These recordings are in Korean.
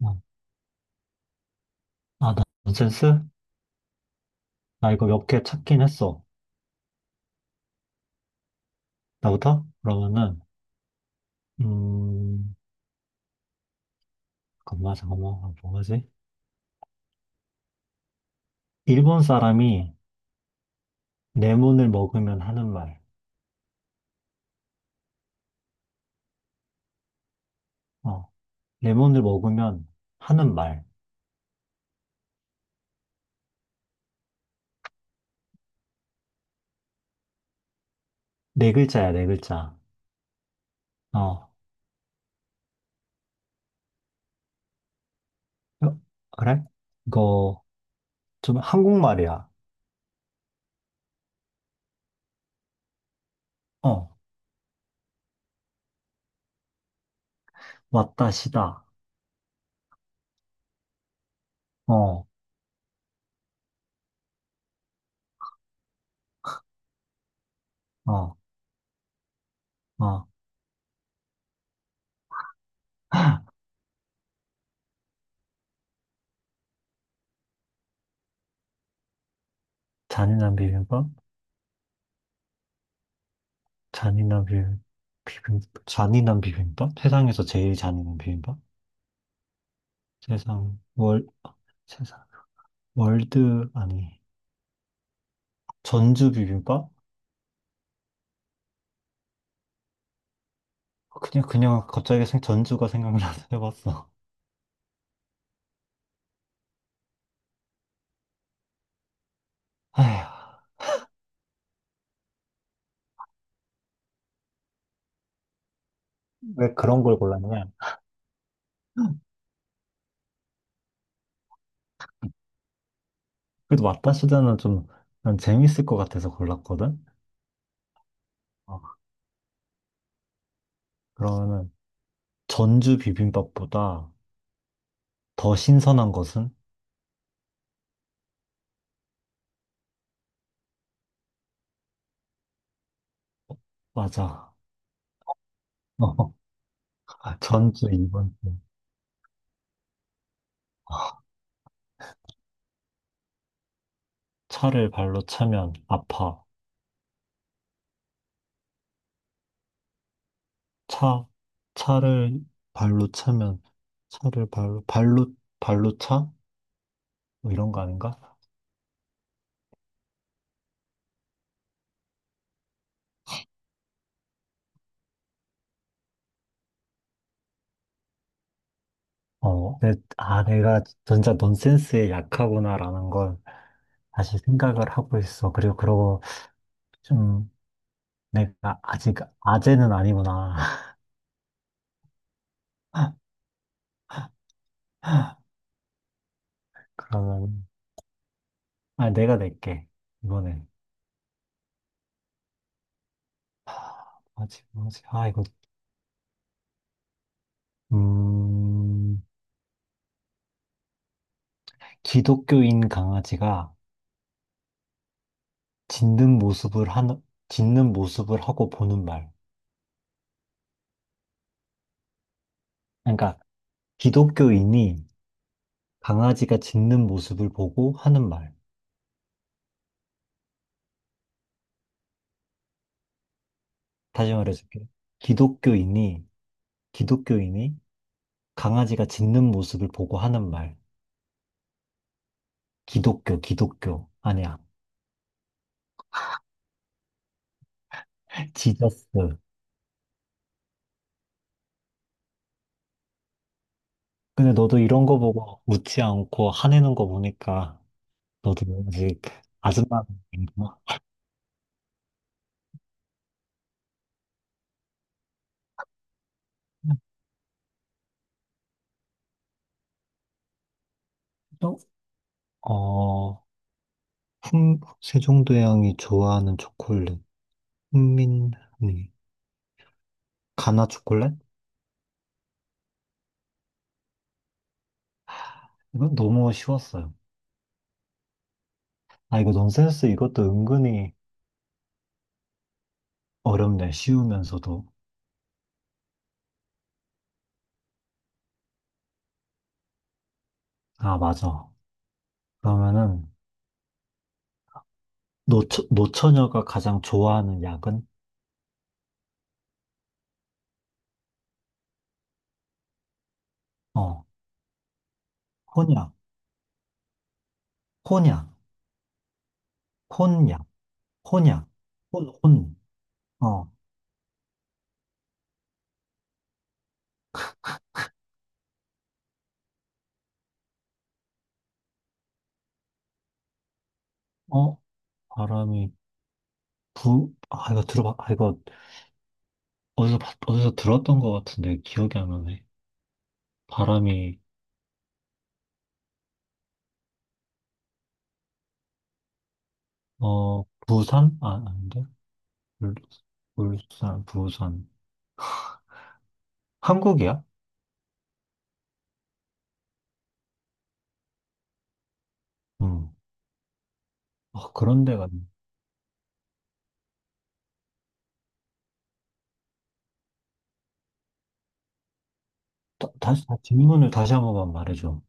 어. 아, 넌센스? 나 이거 몇 개 찾긴 했어. 나부터? 그러면은, 음, 아, 뭐하지? 일본 사람이 레몬을 먹으면 하는 말. 어, 레몬을 먹으면 하는 말. 네 글자야, 네 글자. 어, 어, 그래? 이거 좀 한국말이야. 어, 왔다시다. 어, 어, 어. 잔인한 비빔밥? 잔인한 비빔, 비빔, 잔인한 비빔밥? 세상에서 제일 잔인한 비빔밥? 세상 월 세상 월드 아니 전주 비빔밥? 그냥 갑자기 생 전주가 생각나서 해봤어. 아휴. 왜 그런 걸 골랐냐? 그래도 왔다시다는 좀난 재밌을 것 같아서 골랐거든. 어, 그러면은 전주 비빔밥보다 더 신선한 것은. 맞아. 어, 전주 2번. 차를 발로 차면 아파. 차 차를 발로 차면 차를 발로 발로 발로 차? 뭐 이런 거 아닌가? 어, 내, 아, 내가 진짜 넌센스에 약하구나라는 걸 다시 생각을 하고 있어. 그리고 그러고 좀 내가 아직 아재는 아니구나. 그러면, 아, 내가 낼게. 이번엔. 하, 뭐지, 뭐지? 아, 음, 기독교인 강아지가 짖는 모습을 하는, 짖는 모습을 하고 보는 말. 그러니까, 기독교인이 강아지가 짖는 모습을 보고 하는 말. 다시 말해줄게. 기독교인이, 기독교인이 강아지가 짖는 모습을 보고 하는 말. 기독교. 아니야. 지저스. 근데 너도 이런 거 보고 웃지 않고 화내는 거 보니까 너도 아직 아줌마 아닌가? 어, 어, 세종대왕이 좋아하는 초콜릿. 훈민리. 가나 초콜릿? 이건 너무 쉬웠어요. 아, 이거 넌센스 이것도 은근히 어렵네. 쉬우면서도. 아, 맞아. 그러면은 노처녀가 가장 좋아하는 약은? 어, 혼약, 혼약, 혼약, 혼약, 혼. 어, 어, 바람이 아, 이거 들어봐. 아, 이거 어디서, 어디서 들었던 것 같은데 기억이 안 나네. 바람이, 어, 부산? 아, 아닌데? 울, 울산, 부산. 한국이야? 음. 아 그런 데가, 질문을 다시 한 번만 말해줘.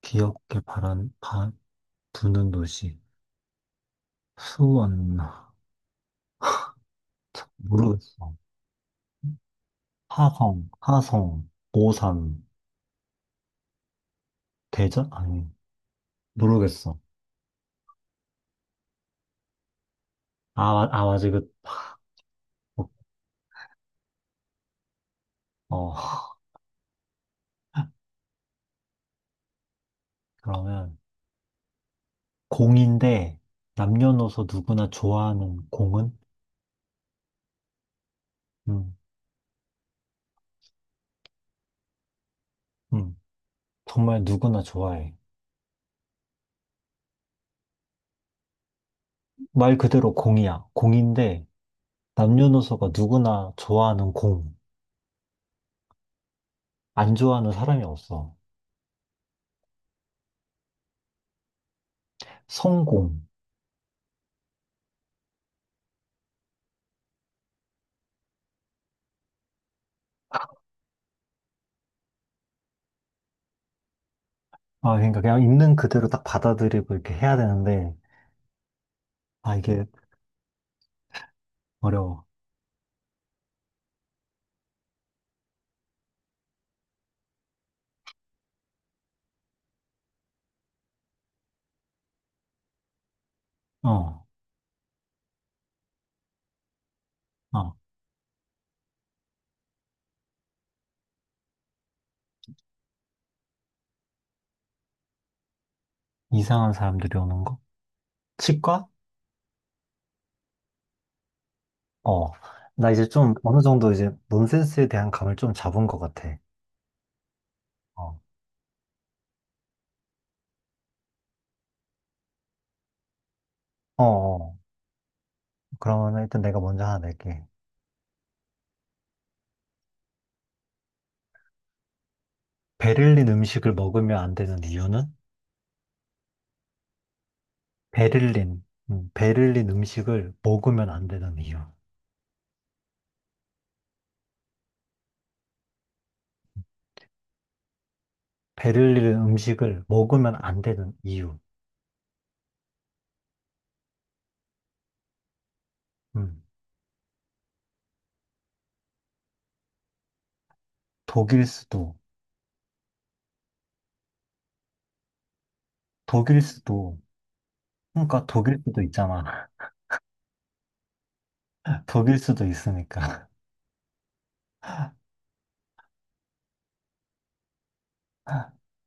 기억에 부는 도시. 수원. 모르겠어. 오산, 대전? 아니, 모르겠어. 아, 맞아. 그, 어, 그러면, 공인데, 남녀노소 누구나 좋아하는 공은? 음, 음, 정말 누구나 좋아해. 말 그대로 공이야. 공인데, 남녀노소가 누구나 좋아하는 공. 안 좋아하는 사람이 없어. 성공. 아, 그러니까 그냥 있는 그대로 딱 받아들이고 이렇게 해야 되는데, 아, 이게 어려워. 어. 어. 이상한 사람들이 오는 거? 치과? 어. 나 이제 좀 어느 정도 이제 논센스에 대한 감을 좀 잡은 것 같아. 어. 어, 어. 그러면 일단 내가 먼저 하나 낼게. 베를린 음식을 먹으면 안 되는 이유는? 베를린. 베를린 음식을 먹으면 안 되는 이유. 베를린 음식을 먹으면 안 되는 이유. 음. 독일 수도. 독일 수도. 그러니까 독일 수도 있잖아. 독일 수도 있으니까.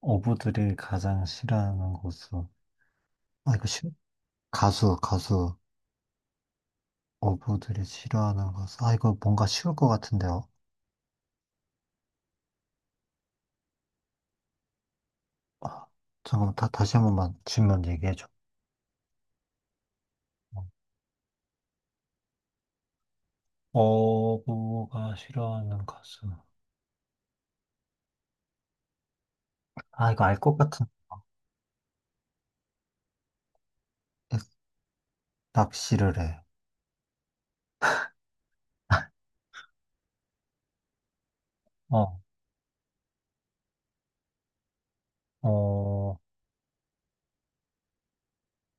어부들이 가장 싫어하는 곳으로. 아, 이거 가수. 어부들이 싫어하는 가수. 아, 이거 뭔가 쉬울 것 같은데요. 아, 잠깐만, 다시 한 번만 질문 얘기해줘. 어부가 싫어하는 가수. 아, 이거 알 것 같은. 낚시를 해. 어, 어,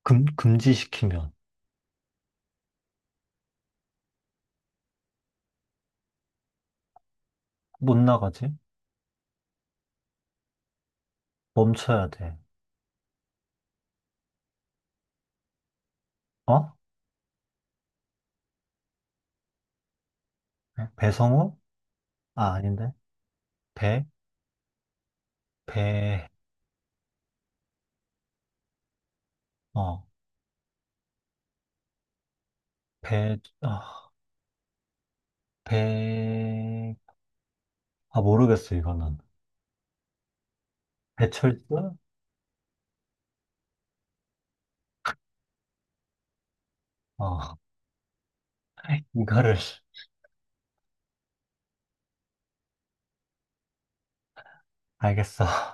금지시키면 못 나가지? 멈춰야 돼. 어? 배성우? 아, 아닌데. 배? 배, 어, 아, 배, 아, 모르겠어, 이거는. 배철수? 어, 이거를 알겠어.